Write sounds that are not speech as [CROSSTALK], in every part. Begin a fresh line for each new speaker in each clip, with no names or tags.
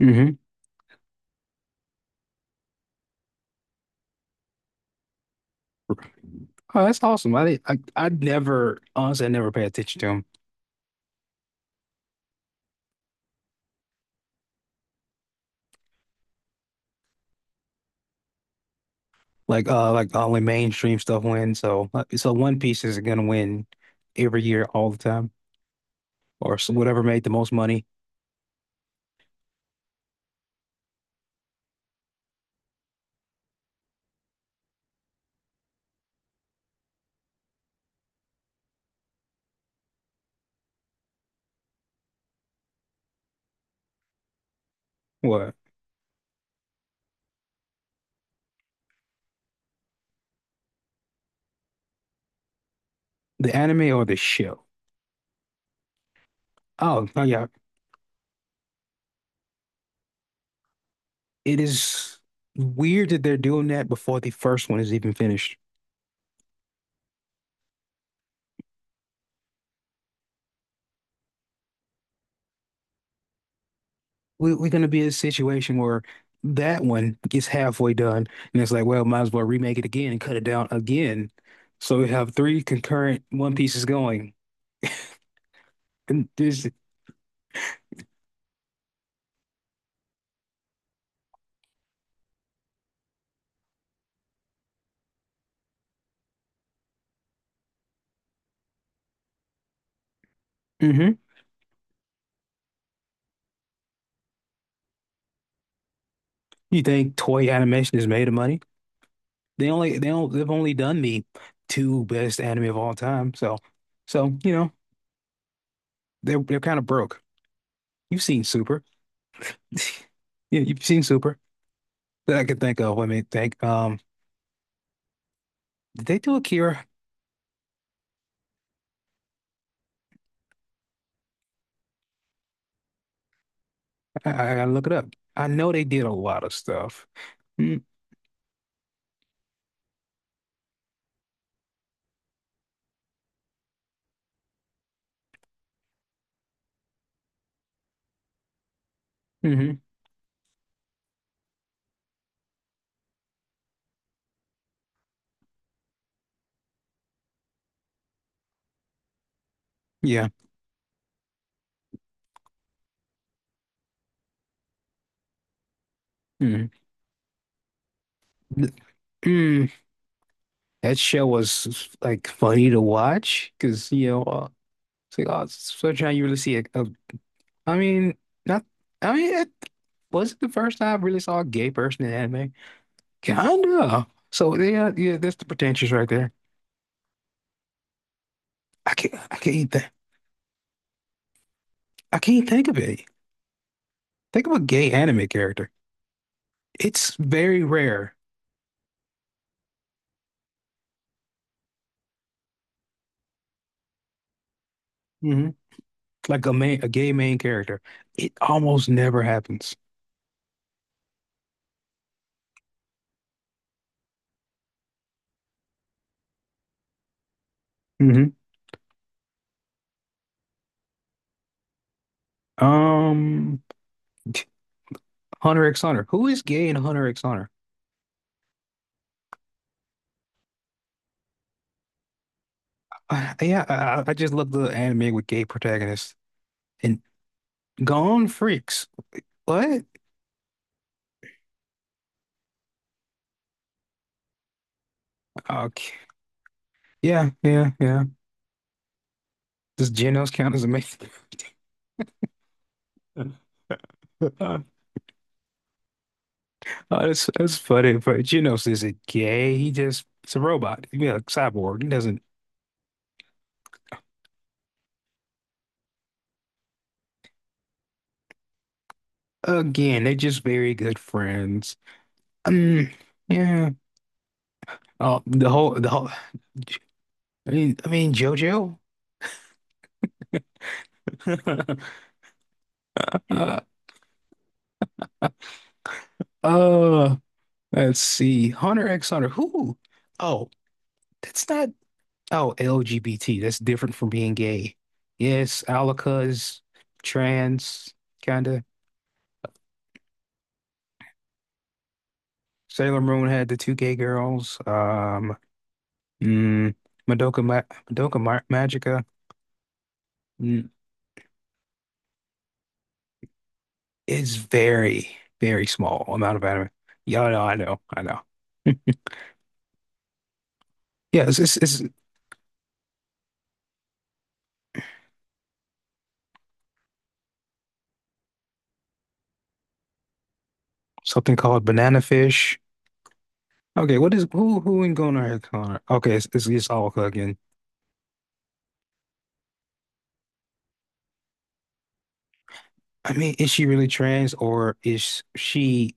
Hmm. Oh, that's awesome. I did, I never honestly I never pay attention to them. Like only mainstream stuff wins. So One Piece is gonna win every year all the time or so whatever made the most money. What? The anime or the show? Oh, yeah. It is weird that they're doing that before the first one is even finished. We're gonna be in a situation where that one gets halfway done, and it's like, well, might as well remake it again and cut it down again. So we have three concurrent One Pieces going. And there's, hmm You think toy animation is made of money? They only they don't they've only done the two best anime of all time. So, they're kind of broke. You've seen Super, [LAUGHS] yeah, you've seen Super that I can think of. Let me think. Did they do Akira? I gotta look it up. I know they did a lot of stuff. Hmm. Yeah. Mm. Th- Mm. That show was like funny to watch because it's like, oh, it's such how you really see it. Mean, not. I mean, it was it the first time I really saw a gay person in anime? Kinda. So yeah, yeah. That's the pretentious right there. I can't. I can't think. I can't think of it. Think of a gay anime character. It's very rare. Hmm. Like a gay main character. It almost never happens. Hmm. Um. Hunter X Hunter. Who is gay in Hunter X Hunter? Yeah, I just love the anime with gay protagonists and Gone Freaks. What? Okay. Yeah, yeah, yeah. Does Genos count as a man? [LAUGHS] That's funny, but Genos isn't gay. He just It's a robot. Yeah, a cyborg. He doesn't. Again, they're just very good friends. Um, yeah. Oh, the whole, the whole. I mean, JoJo. [LAUGHS] uh, uh, Let's see. Hunter X Hunter. Who? Oh, that's not. Oh, LGBT. That's different from being gay. Yes, Alaka is trans, kind of. Sailor Moon had the two gay girls. Mm, Madoka, Ma Madoka Ma Magica. Mm, it's very, very small amount of anime. Yeah, I know, I know, I know. [LAUGHS] Yeah, it's something called Banana Fish. Okay, what is who in Hunter X Hunter? Okay, it's Alaka again. I mean, is she really trans, or is she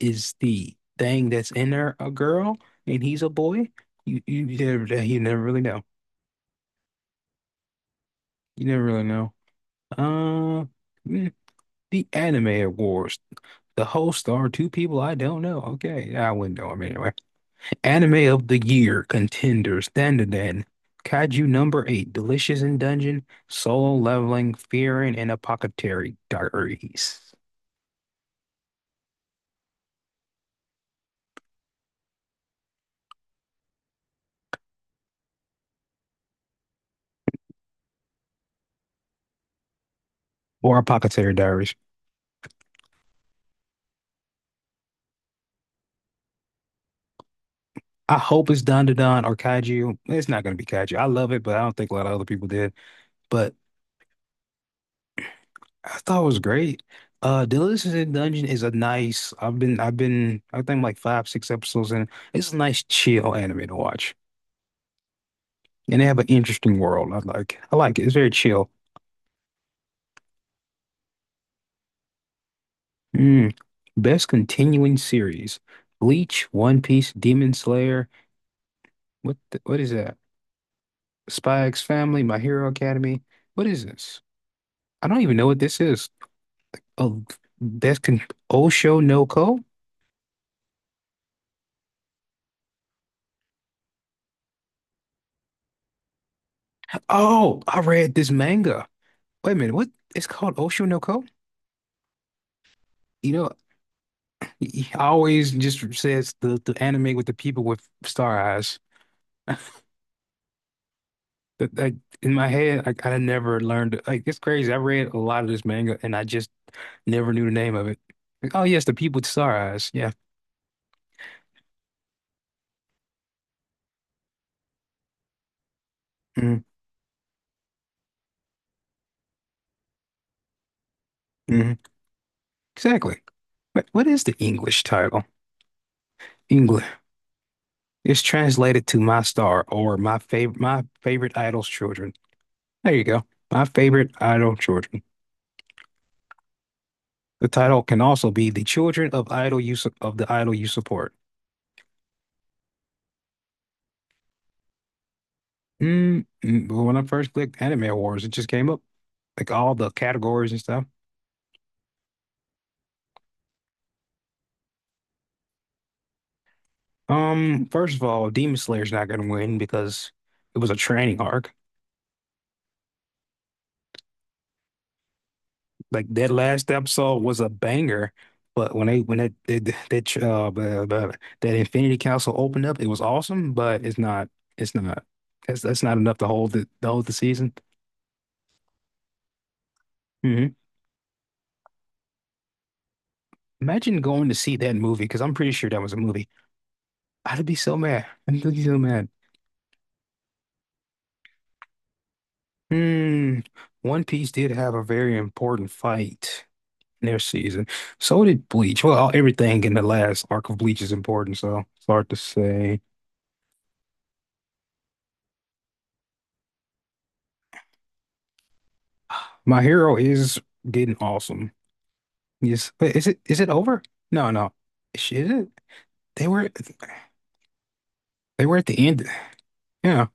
is the thing that's in her a girl and he's a boy? You never really know. You never really know. Uh, mm, the Anime Awards. The hosts are two people I don't know. Okay, I wouldn't know them anyway. Anime of the Year contenders: Dandadan, Kaiju Number Eight, Delicious in Dungeon, Solo Leveling, Fearing, and Apothecary Diaries, or Apothecary Diaries. I hope it's Don Don or Kaiju. It's not gonna be Kaiju. I love it, but I don't think a lot of other people did. But I thought it was great. Delicious in Dungeon is a nice. I think like five, six episodes in. It's a nice chill anime to watch, and they have an interesting world. I like it. It's very chill. Mm. Best continuing series: Bleach, One Piece, Demon Slayer. What is that? Spy X Family, My Hero Academy. What is this? I don't even know what this is. Oh, that's con Osho no Ko? Oh, I read this manga. Wait a minute, what? It's called Osho no Ko? You know, I always just says the anime with the people with star eyes. But like in my head, I never learned. Like, it's crazy. I read a lot of this manga and I just never knew the name of it. Like, oh yes, the people with star eyes. Yeah, mm-hmm. Mm-hmm. Exactly. But what is the English title? English. It's translated to My Star, or My Favorite Idol's Children. There you go. My favorite idol children. The title can also be The Children of the Idol You Support. But when I first clicked Anime Awards, it just came up like all the categories and stuff. First of all, Demon Slayer's not gonna win because it was a training arc. Like, that last episode was a banger, but when they, when that blah, blah, blah, that Infinity Council opened up, it was awesome, but it's not, it's not that's not enough to hold the, season. Mm-hmm. Imagine going to see that movie, because I'm pretty sure that was a movie. I'd be so mad. I'd be so mad. Hmm. One Piece did have a very important fight in their season. So did Bleach. Well, everything in the last arc of Bleach is important, so it's hard to say. My Hero is getting awesome. Yes. Wait, is it, is it over? No, no. Is it? They were they were at the end. Yeah.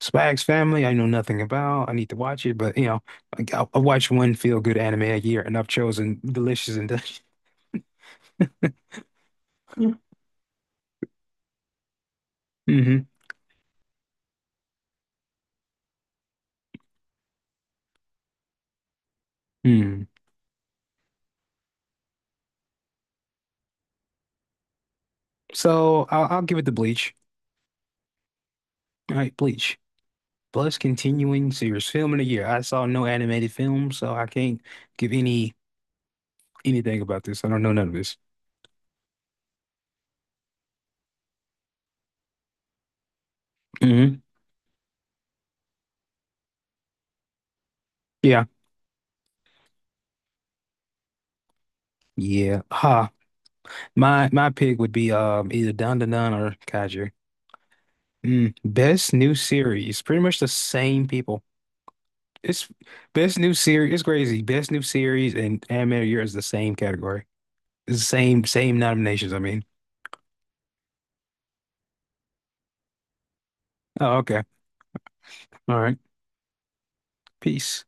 Spags Family, I know nothing about. I need to watch it, but like, I watch one feel-good anime a year, and I've chosen Delicious and Delicious. [LAUGHS] Hmm. Hmm. So I'll give it to Bleach. All right, Bleach. Plus continuing series film in a year. I saw no animated film, so I can't give any anything about this. I don't know none of this. Hmm. Yeah. Yeah. Ha. My pick would be either Dandadan or Kaiju. Mm. Best new series. Pretty much the same people. It's best new series. It's crazy. Best new series and animated year is the same category. It's the same nominations. I mean. Oh, okay. All right. Peace.